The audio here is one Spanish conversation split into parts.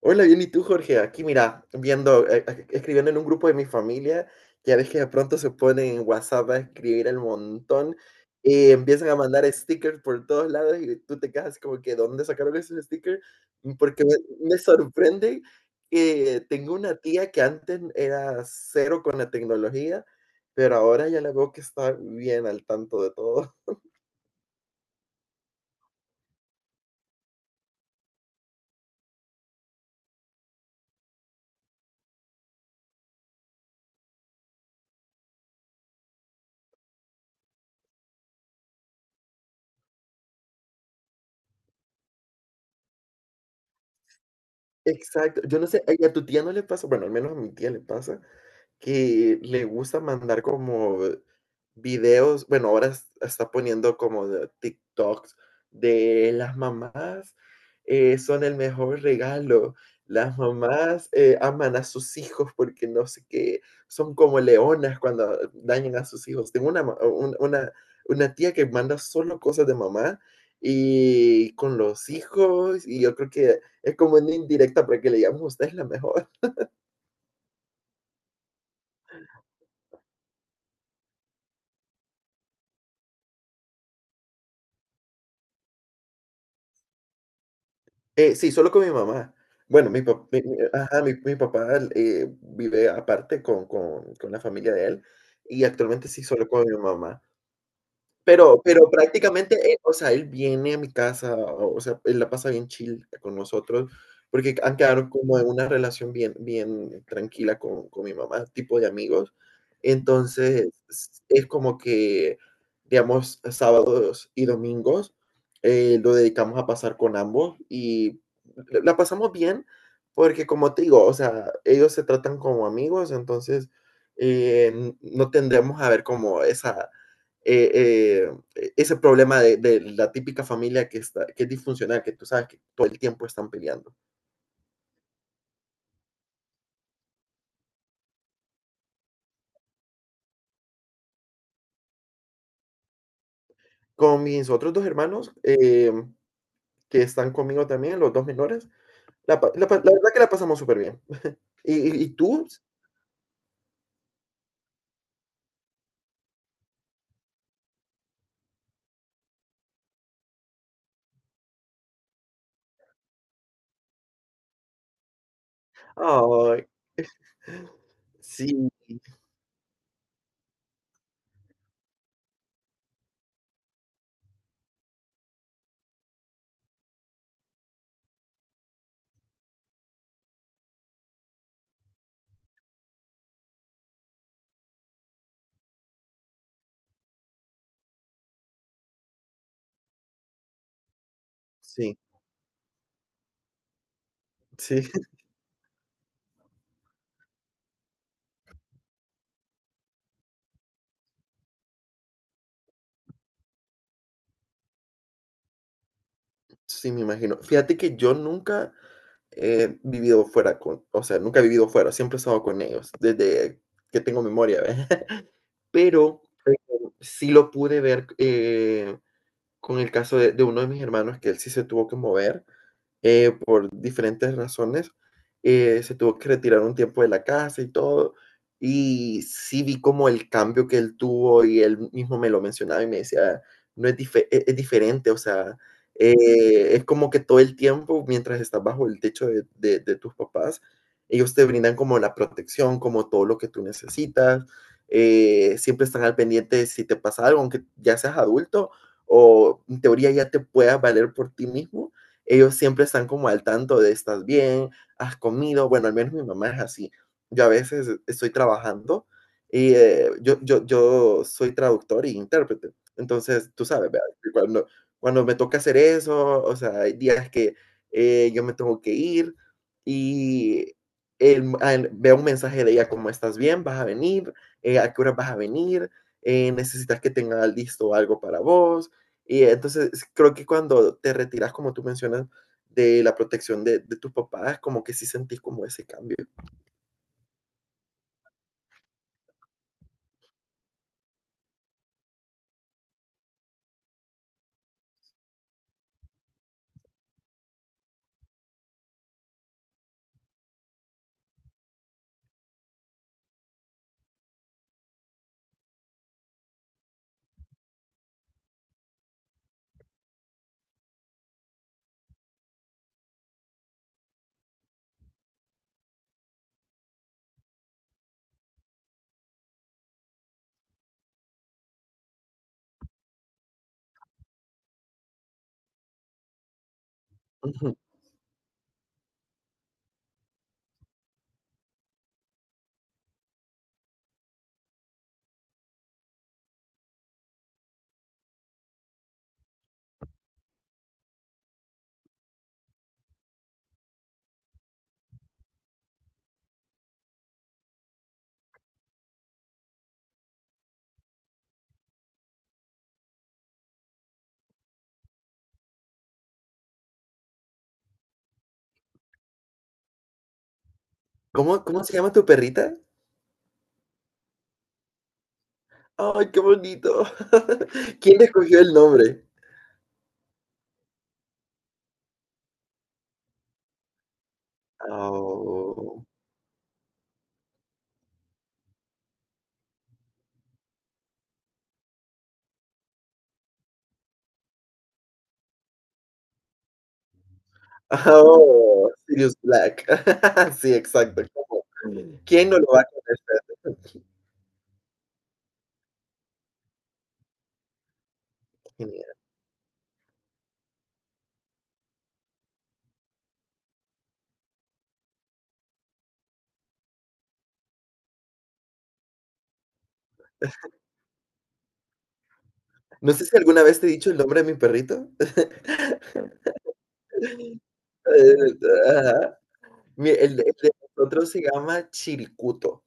Hola, bien, ¿y tú, Jorge? Aquí, mira, viendo, escribiendo en un grupo de mi familia, ya ves que de pronto se ponen en WhatsApp a escribir el montón, empiezan a mandar stickers por todos lados y tú te quedas así como que, ¿dónde sacaron esos stickers? Porque me, me sorprende que tengo una tía que antes era cero con la tecnología, pero ahora ya la veo que está bien al tanto de todo. Exacto, yo no sé, ¿a tu tía no le pasa? Bueno, al menos a mi tía le pasa que le gusta mandar como videos, bueno, ahora está poniendo como de TikToks de las mamás, son el mejor regalo. Las mamás, aman a sus hijos porque no sé qué, son como leonas cuando dañan a sus hijos. Tengo una, ma- un- una tía que manda solo cosas de mamá y con los hijos, y yo creo que es como una indirecta para que le digamos, usted es la mejor. Sí, solo con mi mamá. Bueno, mi papá, ajá, mi papá, vive aparte con, con la familia de él, y actualmente sí, solo con mi mamá. Pero prácticamente, o sea, él viene a mi casa, o sea, él la pasa bien chill con nosotros, porque han quedado como en una relación bien tranquila con mi mamá, tipo de amigos. Entonces, es como que, digamos, sábados y domingos, lo dedicamos a pasar con ambos, y la pasamos bien, porque como te digo, o sea, ellos se tratan como amigos, entonces, no tendremos a ver como esa ese problema de la típica familia que, está, que es disfuncional, que tú sabes que todo el tiempo están peleando. Con mis otros dos hermanos, que están conmigo también, los dos menores, la verdad que la pasamos súper bien. ¿Y, y tú? Ay, sí, sí, sí, sí, me imagino. Fíjate que yo nunca he vivido fuera con, o sea, nunca he vivido fuera, siempre he estado con ellos, desde que tengo memoria, ¿ves? Pero sí lo pude ver, con el caso de uno de mis hermanos, que él sí se tuvo que mover, por diferentes razones, se tuvo que retirar un tiempo de la casa y todo. Y sí vi como el cambio que él tuvo, y él mismo me lo mencionaba y me decía, no es, es diferente, o sea, es como que todo el tiempo, mientras estás bajo el techo de tus papás, ellos te brindan como la protección, como todo lo que tú necesitas, siempre están al pendiente de si te pasa algo, aunque ya seas adulto o en teoría ya te puedas valer por ti mismo, ellos siempre están como al tanto de estás bien, has comido, bueno, al menos mi mamá es así. Yo a veces estoy trabajando y yo soy traductor y intérprete. Entonces, tú sabes, ¿verdad? Cuando me toca hacer eso, o sea, hay días que yo me tengo que ir y veo un mensaje de ella como estás bien, vas a venir, eh, a qué hora vas a venir, eh, necesitas que tenga listo algo para vos, y entonces creo que cuando te retiras, como tú mencionas, de la protección de tus papás, como que sí sentís como ese cambio. Ujú. Cómo se llama tu perrita? ¡Ay, qué bonito! ¿Quién le escogió el nombre? Oh, oh, Sirius Black. Sí, exacto, como, ¿quién no lo va a conocer? Genial. No sé si alguna vez te he dicho el nombre de mi perrito. Eh, ajá. El de nosotros se llama Chiricuto.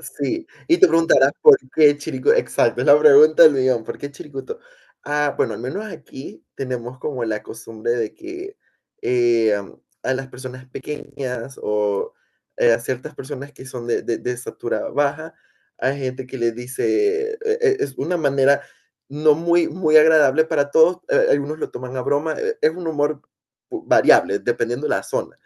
Sí, y te preguntarás por qué Chirico, exacto, es la pregunta del millón, ¿por qué Chiricuto? Ah, bueno, al menos aquí tenemos como la costumbre de que, em, a las personas pequeñas o, a ciertas personas que son de de estatura baja, hay gente que les dice, es una manera no muy agradable para todos, algunos lo toman a broma, es un humor variable, dependiendo de la zona.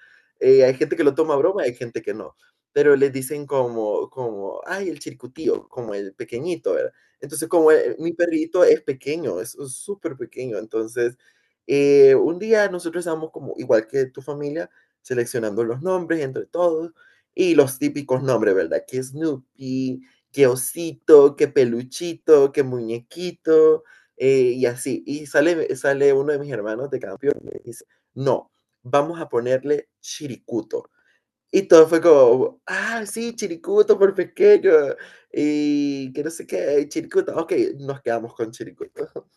Hay gente que lo toma a broma, hay gente que no, pero les dicen como, como, ay, el circuitío, como el pequeñito, ¿verdad? Entonces, como mi perrito es pequeño, es súper pequeño, entonces, un día nosotros estábamos como, igual que tu familia, seleccionando los nombres entre todos, y los típicos nombres, ¿verdad? Que Snoopy, que osito, que peluchito, que muñequito, y así. Y sale uno de mis hermanos de campeón y me dice, no, vamos a ponerle chiricuto. Y todo fue como, ah, sí, Chiricuto por pequeño. Y que no sé qué, y Chiricuto. Ok, nos quedamos con Chiricuto.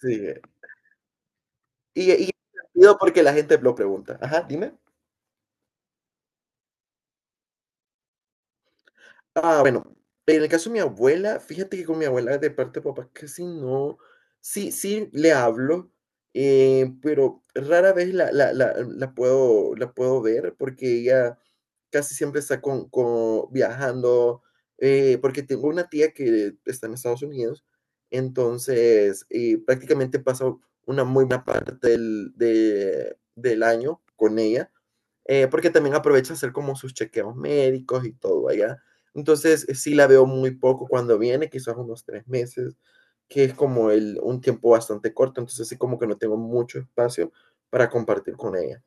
Sí. Y es divertido porque la gente lo pregunta. Ajá, dime. Ah, bueno, en el caso de mi abuela, fíjate que con mi abuela de parte de papá casi no. Sí, sí le hablo, pero rara vez la puedo ver porque ella casi siempre está con viajando, porque tengo una tía que está en Estados Unidos, entonces, prácticamente paso una muy buena parte del año con ella, porque también aprovecha hacer como sus chequeos médicos y todo allá. Entonces, sí la veo muy poco cuando viene, quizás unos 3 meses, que es como el, un tiempo bastante corto, entonces sí como que no tengo mucho espacio para compartir con ella.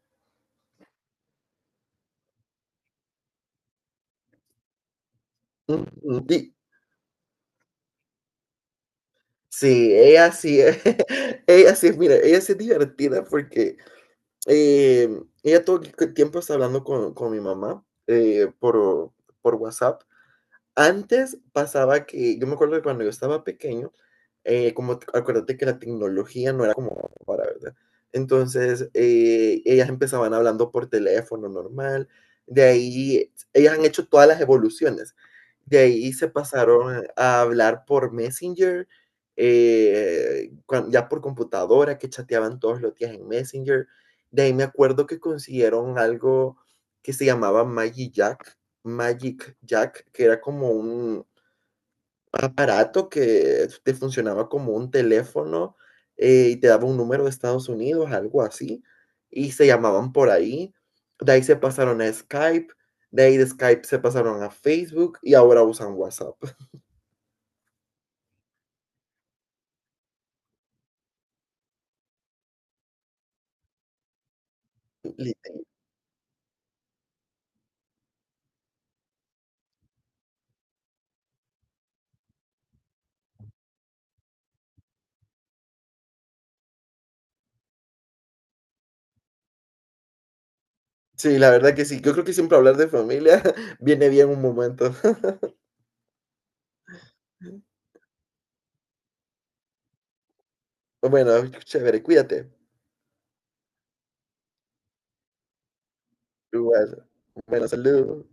Y, sí, mira, ella sí es divertida porque eh, ella todo el tiempo está hablando con mi mamá, por WhatsApp. Antes pasaba que yo me acuerdo que cuando yo estaba pequeño, como t acuérdate que la tecnología no era como para, ¿verdad? Entonces, ellas empezaban hablando por teléfono normal, de ahí ellas han hecho todas las evoluciones. De ahí se pasaron a hablar por Messenger, cuan ya por computadora, que chateaban todos los días en Messenger. De ahí me acuerdo que consiguieron algo que se llamaba Magic Jack. Magic Jack, que era como un aparato que te funcionaba como un teléfono, y te daba un número de Estados Unidos, algo así, y se llamaban por ahí. De ahí se pasaron a Skype, de ahí de Skype se pasaron a Facebook, y ahora usan WhatsApp. Li- Sí, la verdad que sí. Yo creo que siempre hablar de familia viene bien un momento. Bueno, chévere, cuídate. Igual. Bueno, saludos.